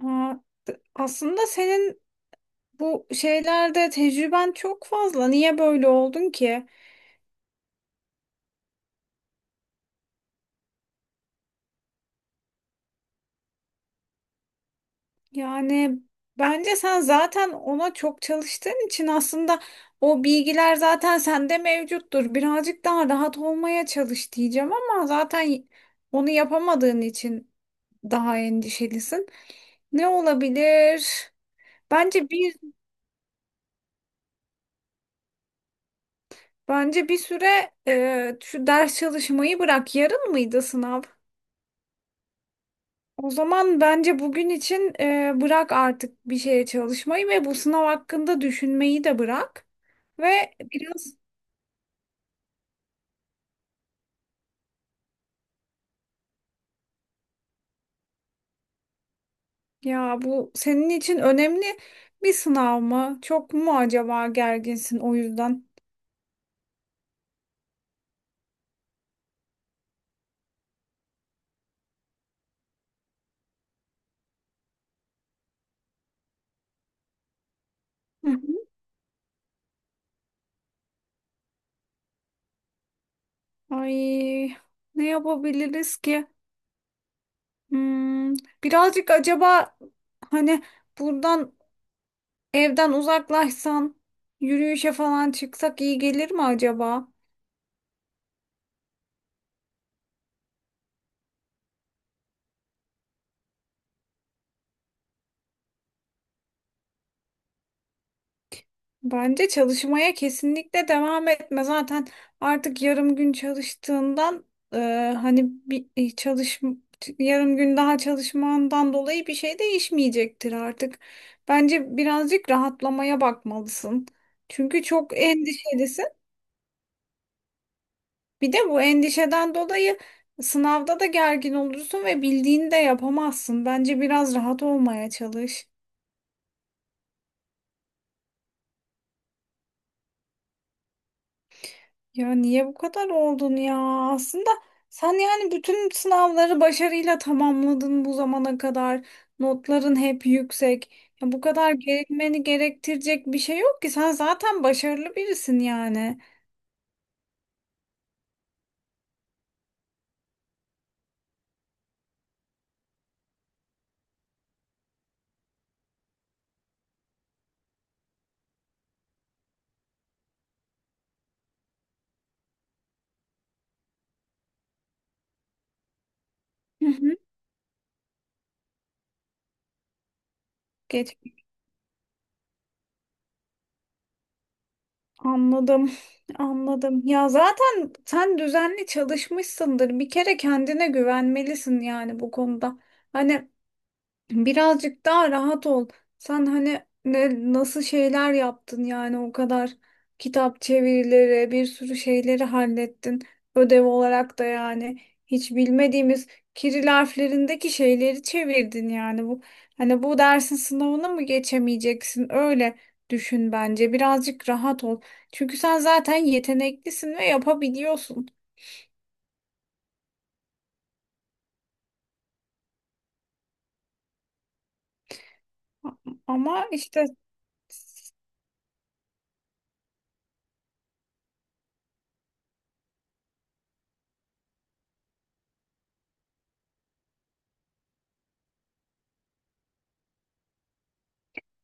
Ha, aslında senin bu şeylerde tecrüben çok fazla. Niye böyle oldun ki? Yani bence sen zaten ona çok çalıştığın için aslında o bilgiler zaten sende mevcuttur. Birazcık daha rahat olmaya çalış diyeceğim ama zaten onu yapamadığın için daha endişelisin. Ne olabilir? Bence bir bence bir süre şu ders çalışmayı bırak. Yarın mıydı sınav? O zaman bence bugün için bırak artık bir şeye çalışmayı ve bu sınav hakkında düşünmeyi de bırak. Ve biraz, ya bu senin için önemli bir sınav mı? Çok mu acaba gerginsin o yüzden? Hı hı. Ay ne yapabiliriz ki? Hmm, birazcık acaba hani buradan evden uzaklaşsan yürüyüşe falan çıksak iyi gelir mi acaba? Bence çalışmaya kesinlikle devam etme. Zaten artık yarım gün çalıştığından, e, hani bir e, çalış yarım gün daha çalışmandan dolayı bir şey değişmeyecektir artık. Bence birazcık rahatlamaya bakmalısın. Çünkü çok endişelisin. Bir de bu endişeden dolayı sınavda da gergin olursun ve bildiğini de yapamazsın. Bence biraz rahat olmaya çalış. Ya niye bu kadar oldun ya? Aslında sen yani bütün sınavları başarıyla tamamladın bu zamana kadar. Notların hep yüksek. Ya bu kadar gerekmeni gerektirecek bir şey yok ki. Sen zaten başarılı birisin yani. Hı hı. Geç. Anladım. Anladım. Ya zaten sen düzenli çalışmışsındır. Bir kere kendine güvenmelisin yani bu konuda. Hani birazcık daha rahat ol. Sen hani nasıl şeyler yaptın yani o kadar kitap çevirileri, bir sürü şeyleri hallettin. Ödev olarak da yani hiç bilmediğimiz Kiril harflerindeki şeyleri çevirdin yani bu hani bu dersin sınavını mı geçemeyeceksin, öyle düşün, bence birazcık rahat ol. Çünkü sen zaten yeteneklisin ve yapabiliyorsun. Ama işte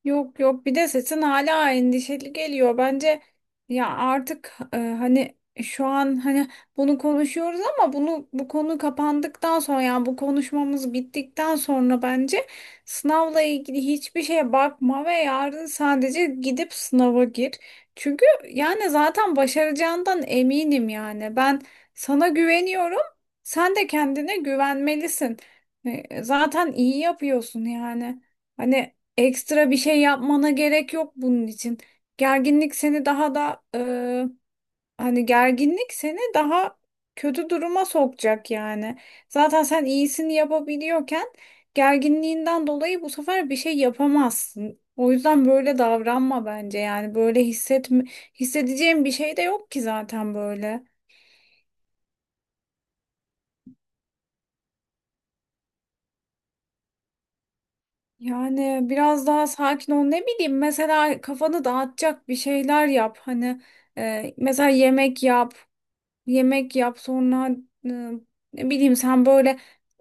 yok yok, bir de sesin hala endişeli geliyor. Bence ya artık, hani şu an hani bunu konuşuyoruz ama bu konu kapandıktan sonra yani bu konuşmamız bittikten sonra bence sınavla ilgili hiçbir şeye bakma ve yarın sadece gidip sınava gir. Çünkü yani zaten başaracağından eminim yani. Ben sana güveniyorum. Sen de kendine güvenmelisin. Zaten iyi yapıyorsun yani. Hani ekstra bir şey yapmana gerek yok bunun için. Gerginlik seni daha da e, hani gerginlik seni daha kötü duruma sokacak yani. Zaten sen iyisini yapabiliyorken gerginliğinden dolayı bu sefer bir şey yapamazsın. O yüzden böyle davranma bence, yani böyle hissedeceğim bir şey de yok ki zaten böyle. Yani biraz daha sakin ol, ne bileyim mesela kafanı dağıtacak bir şeyler yap, hani mesela yemek yap. Yemek yap, sonra e, ne bileyim sen böyle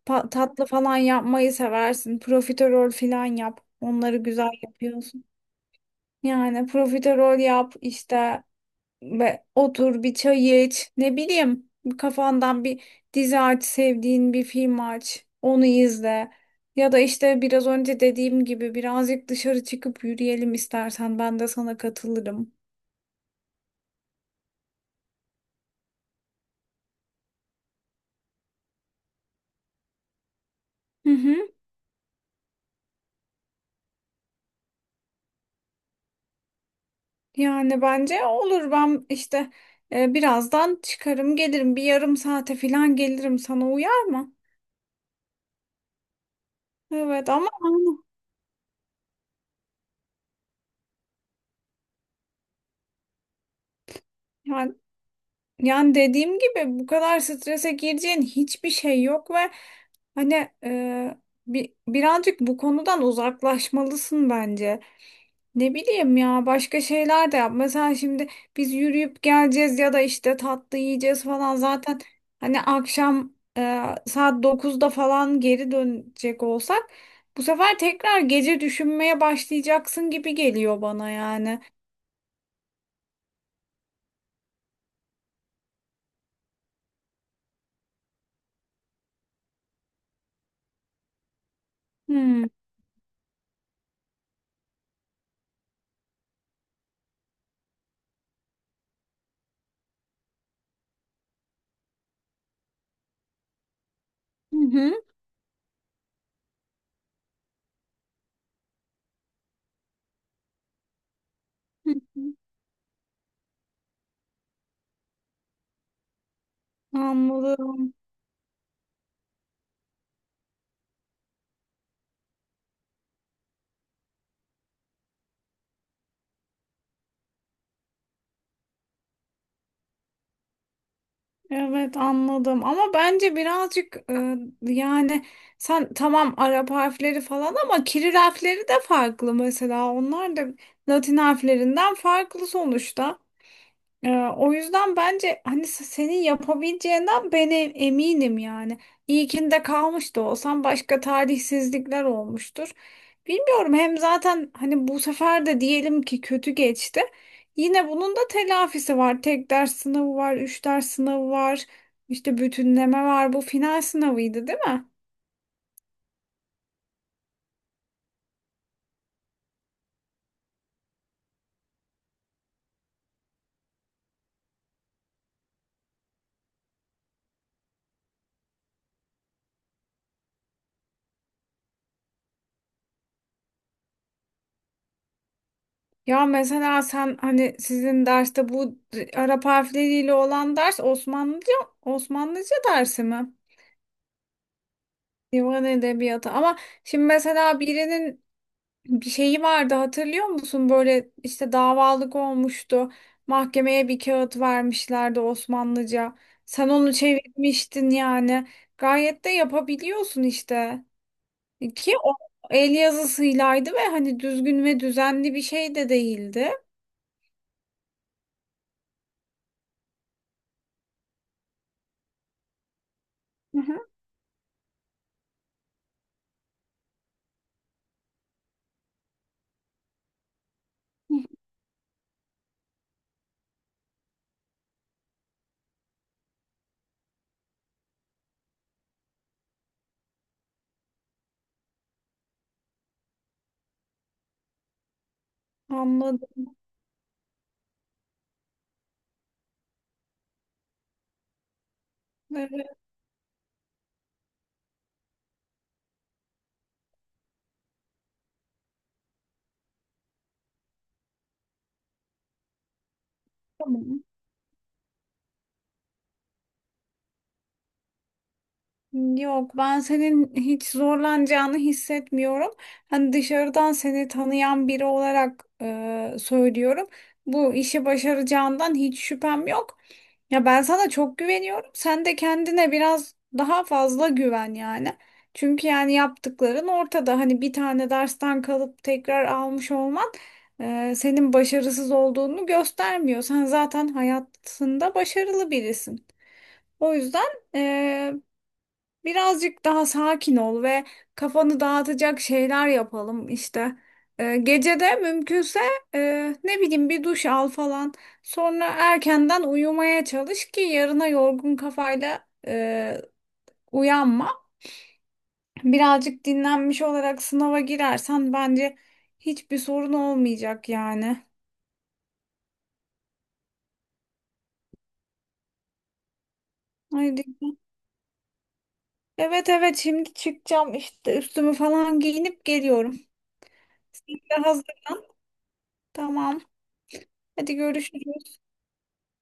tatlı falan yapmayı seversin. Profiterol falan yap. Onları güzel yapıyorsun. Yani profiterol yap işte ve otur bir çay iç. Ne bileyim kafandan bir dizi aç, sevdiğin bir film aç. Onu izle. Ya da işte biraz önce dediğim gibi birazcık dışarı çıkıp yürüyelim istersen ben de sana katılırım. Hı hı. Yani bence olur, ben işte birazdan çıkarım gelirim, bir yarım saate falan gelirim sana, uyar mı? Evet ama aynı yani, yani dediğim gibi bu kadar strese gireceğin hiçbir şey yok ve hani, birazcık bu konudan uzaklaşmalısın bence. Ne bileyim ya başka şeyler de yap. Mesela şimdi biz yürüyüp geleceğiz ya da işte tatlı yiyeceğiz falan. Zaten hani akşam saat 9'da falan geri dönecek olsak bu sefer tekrar gece düşünmeye başlayacaksın gibi geliyor bana yani. Hmm. Hı hı. Hı hı. Anladım. Evet anladım ama bence birazcık, yani sen tamam Arap harfleri falan ama Kiril harfleri de farklı, mesela onlar da Latin harflerinden farklı sonuçta. Ee, o yüzden bence hani senin yapabileceğinden ben eminim yani. İlkinde kalmış da olsam başka talihsizlikler olmuştur. Bilmiyorum, hem zaten hani bu sefer de diyelim ki kötü geçti. Yine bunun da telafisi var. Tek ders sınavı var, üç ders sınavı var, işte bütünleme var. Bu final sınavıydı değil mi? Ya mesela sen hani sizin derste bu Arap harfleriyle olan ders Osmanlıca, Osmanlıca dersi mi? Divan edebiyatı, ama şimdi mesela birinin bir şeyi vardı hatırlıyor musun? Böyle işte davalık olmuştu. Mahkemeye bir kağıt vermişlerdi Osmanlıca. Sen onu çevirmiştin yani. Gayet de yapabiliyorsun işte. Ki o el yazısıylaydı ve hani düzgün ve düzenli bir şey de değildi. Hı hı. Anladım. Evet, tamam. Yok, ben senin hiç zorlanacağını hissetmiyorum. Hani dışarıdan seni tanıyan biri olarak söylüyorum. Bu işi başaracağından hiç şüphem yok. Ya ben sana çok güveniyorum. Sen de kendine biraz daha fazla güven yani. Çünkü yani yaptıkların ortada. Hani bir tane dersten kalıp tekrar almış olman senin başarısız olduğunu göstermiyor. Sen zaten hayatında başarılı birisin. O yüzden. Birazcık daha sakin ol ve kafanı dağıtacak şeyler yapalım işte. Gece de mümkünse ne bileyim bir duş al falan. Sonra erkenden uyumaya çalış ki yarına yorgun kafayla uyanma. Birazcık dinlenmiş olarak sınava girersen bence hiçbir sorun olmayacak yani. Haydi. Evet evet, şimdi çıkacağım işte, üstümü falan giyinip geliyorum. Hazırlan. Tamam. Hadi görüşürüz.